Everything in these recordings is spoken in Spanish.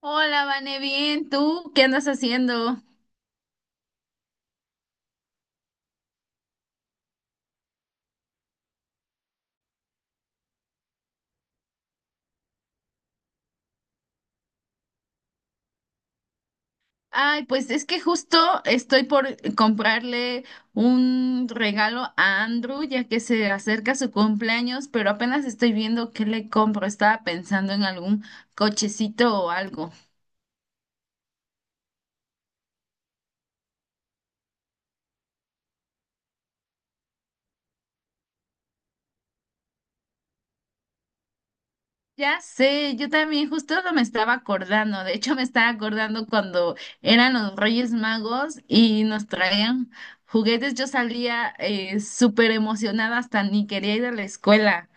Hola, Vane, bien, ¿tú qué andas haciendo? Ay, pues es que justo estoy por comprarle un regalo a Andrew, ya que se acerca su cumpleaños, pero apenas estoy viendo qué le compro. Estaba pensando en algún cochecito o algo. Ya sé, yo también justo no me estaba acordando. De hecho, me estaba acordando cuando eran los Reyes Magos y nos traían juguetes. Yo salía súper emocionada, hasta ni quería ir a la escuela.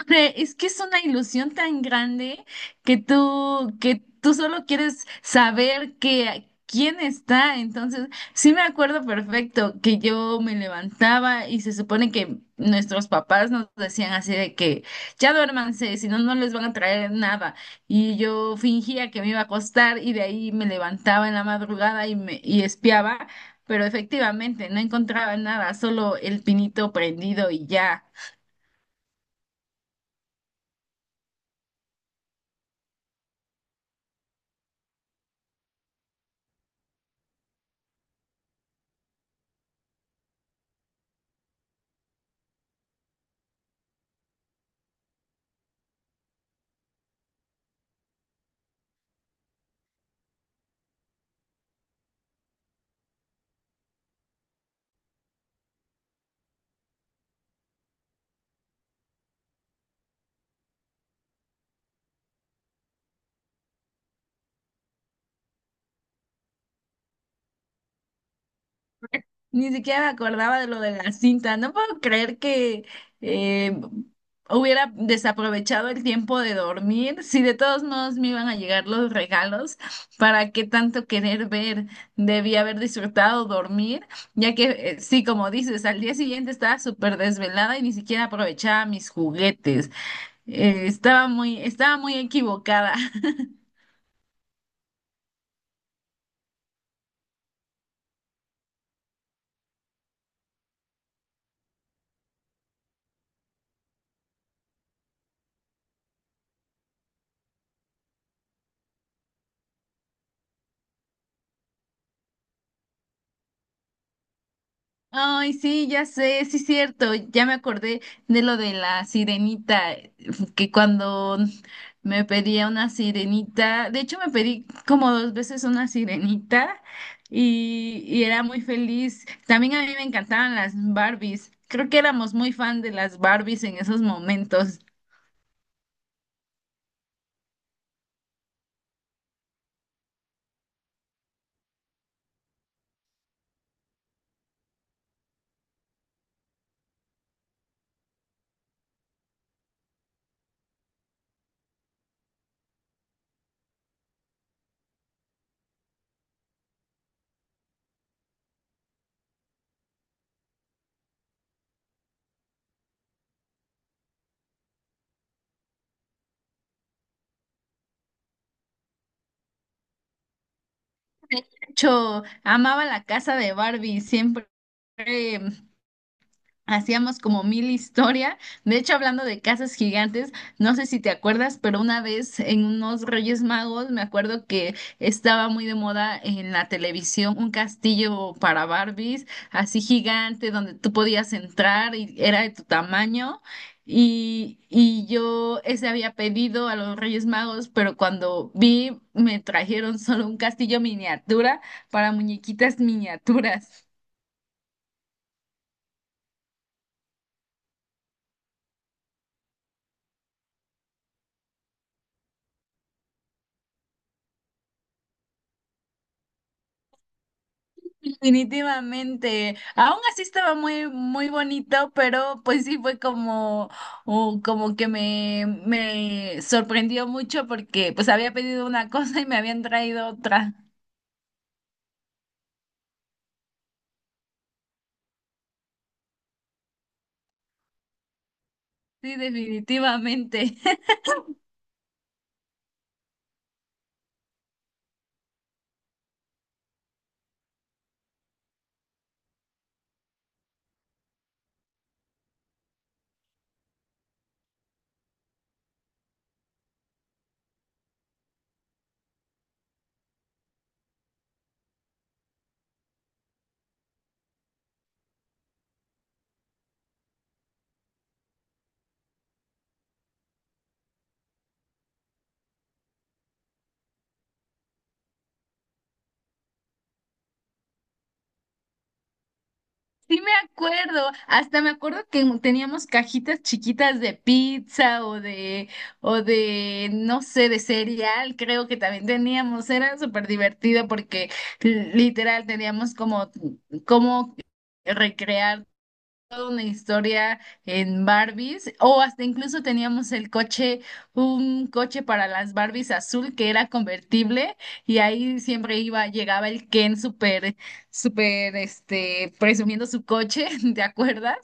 Hombre, es que es una ilusión tan grande que tú solo quieres saber que quién está. Entonces, sí me acuerdo perfecto que yo me levantaba y se supone que nuestros papás nos decían así de que ya duérmanse, si no, no les van a traer nada. Y yo fingía que me iba a acostar y de ahí me levantaba en la madrugada y me y espiaba, pero efectivamente no encontraba nada, solo el pinito prendido y ya. Ni siquiera me acordaba de lo de la cinta. No puedo creer que eh, hubiera desaprovechado el tiempo de dormir. Si de todos modos me iban a llegar los regalos, ¿para qué tanto querer ver? Debí haber disfrutado dormir, ya que sí, como dices, al día siguiente estaba súper desvelada y ni siquiera aprovechaba mis juguetes. Estaba muy equivocada. Ay, sí, ya sé, sí es cierto, ya me acordé de lo de la sirenita, que cuando me pedía una sirenita, de hecho me pedí como dos veces una sirenita y era muy feliz. También a mí me encantaban las Barbies, creo que éramos muy fan de las Barbies en esos momentos. De hecho, amaba la casa de Barbie, siempre hacíamos como mil historia. De hecho, hablando de casas gigantes, no sé si te acuerdas, pero una vez en unos Reyes Magos, me acuerdo que estaba muy de moda en la televisión un castillo para Barbies, así gigante, donde tú podías entrar y era de tu tamaño. Y yo ese había pedido a los Reyes Magos, pero cuando vi, me trajeron solo un castillo miniatura para muñequitas miniaturas. Definitivamente. Aún así estaba muy, muy bonito, pero pues sí fue como, o como que me sorprendió mucho porque pues había pedido una cosa y me habían traído otra. Sí, definitivamente. Sí me acuerdo, hasta me acuerdo que teníamos cajitas chiquitas de pizza o de, no sé, de cereal, creo que también teníamos, era súper divertido porque literal teníamos como recrear una historia en Barbies o hasta incluso teníamos el coche, un coche para las Barbies azul que era convertible y ahí siempre iba, llegaba el Ken súper, súper, presumiendo su coche, ¿te acuerdas?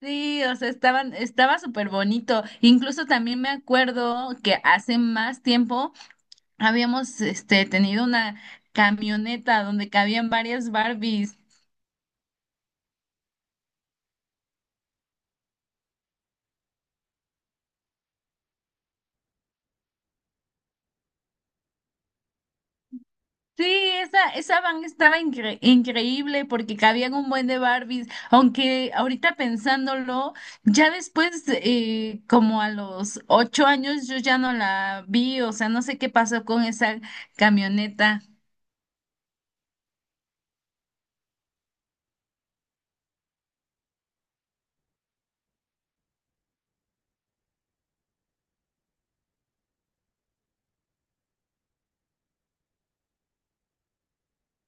Sí, o sea, estaba súper bonito. Incluso también me acuerdo que hace más tiempo habíamos, tenido una camioneta donde cabían varias Barbies. Sí, esa van estaba increíble porque cabían un buen de Barbies, aunque ahorita pensándolo, ya después, como a los 8 años, yo ya no la vi, o sea, no sé qué pasó con esa camioneta.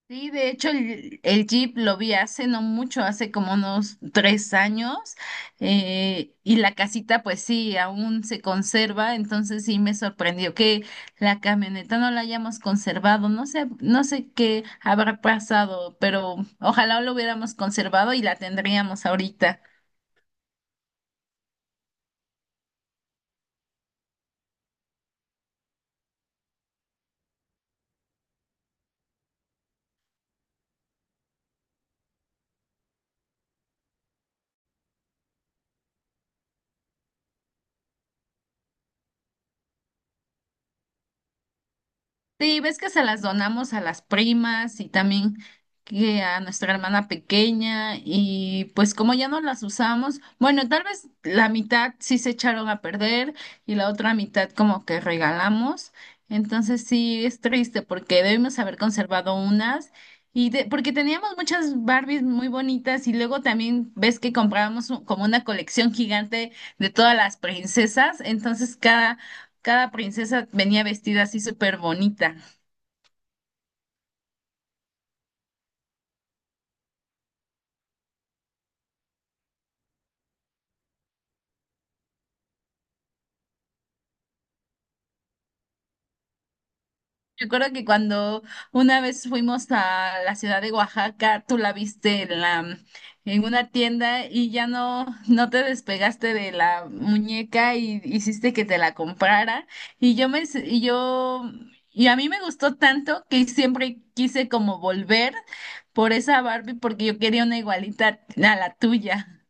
Sí, de hecho el Jeep lo vi hace no mucho, hace como unos 3 años, y la casita pues sí, aún se conserva, entonces sí me sorprendió que la camioneta no la hayamos conservado, no sé, no sé qué habrá pasado, pero ojalá lo hubiéramos conservado y la tendríamos ahorita. Sí, ves que se las donamos a las primas y también que a nuestra hermana pequeña y pues como ya no las usamos, bueno, tal vez la mitad sí se echaron a perder y la otra mitad como que regalamos. Entonces sí es triste porque debimos haber conservado unas y porque teníamos muchas Barbies muy bonitas y luego también ves que comprábamos como una colección gigante de todas las princesas, entonces cada princesa venía vestida así súper bonita. Recuerdo que cuando una vez fuimos a la ciudad de Oaxaca, tú la viste en en una tienda y ya no te despegaste de la muñeca y hiciste que te la comprara. Y yo me, s- y yo, Y a mí me gustó tanto que siempre quise como volver por esa Barbie porque yo quería una igualita a la tuya.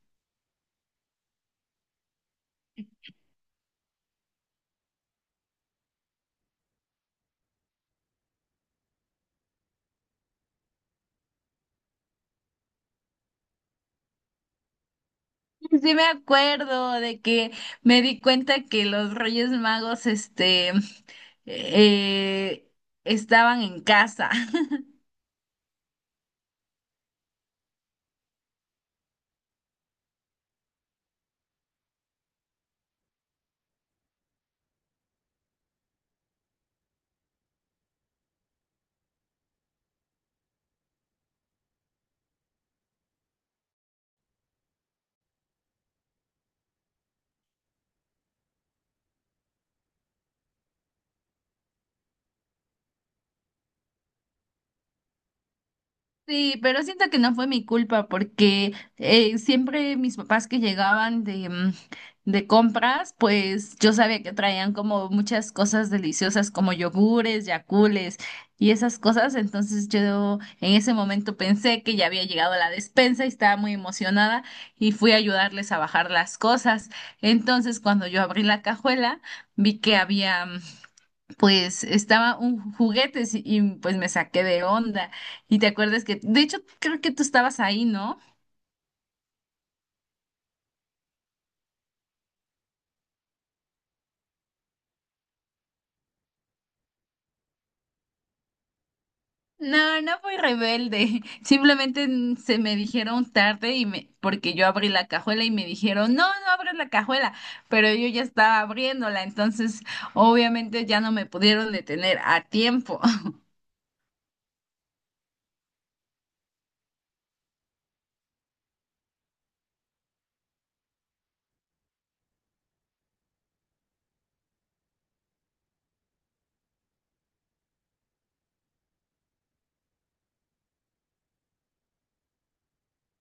Sí, sí me acuerdo de que me di cuenta que los Reyes Magos, eh, estaban en casa. Sí, pero siento que no fue mi culpa porque siempre mis papás que llegaban de compras, pues yo sabía que traían como muchas cosas deliciosas como yogures, yacules y esas cosas. Entonces yo en ese momento pensé que ya había llegado la despensa y estaba muy emocionada y fui a ayudarles a bajar las cosas. Entonces cuando yo abrí la cajuela, vi que había... pues estaba un juguete pues me saqué de onda. Y te acuerdas que, de hecho, creo que tú estabas ahí, ¿no? No, no fui rebelde. Simplemente se me dijeron tarde y me, porque yo abrí la cajuela y me dijeron, no, no abras la cajuela, pero yo ya estaba abriéndola, entonces obviamente ya no me pudieron detener a tiempo.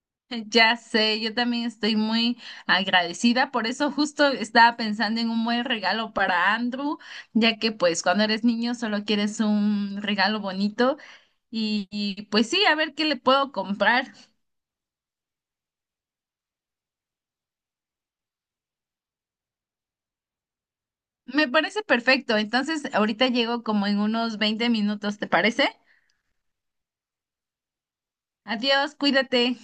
Ya sé, yo también estoy muy agradecida, por eso justo estaba pensando en un buen regalo para Andrew, ya que pues cuando eres niño solo quieres un regalo bonito y, pues sí, a ver qué le puedo comprar. Me parece perfecto, entonces ahorita llego como en unos 20 minutos, ¿te parece? Adiós, cuídate.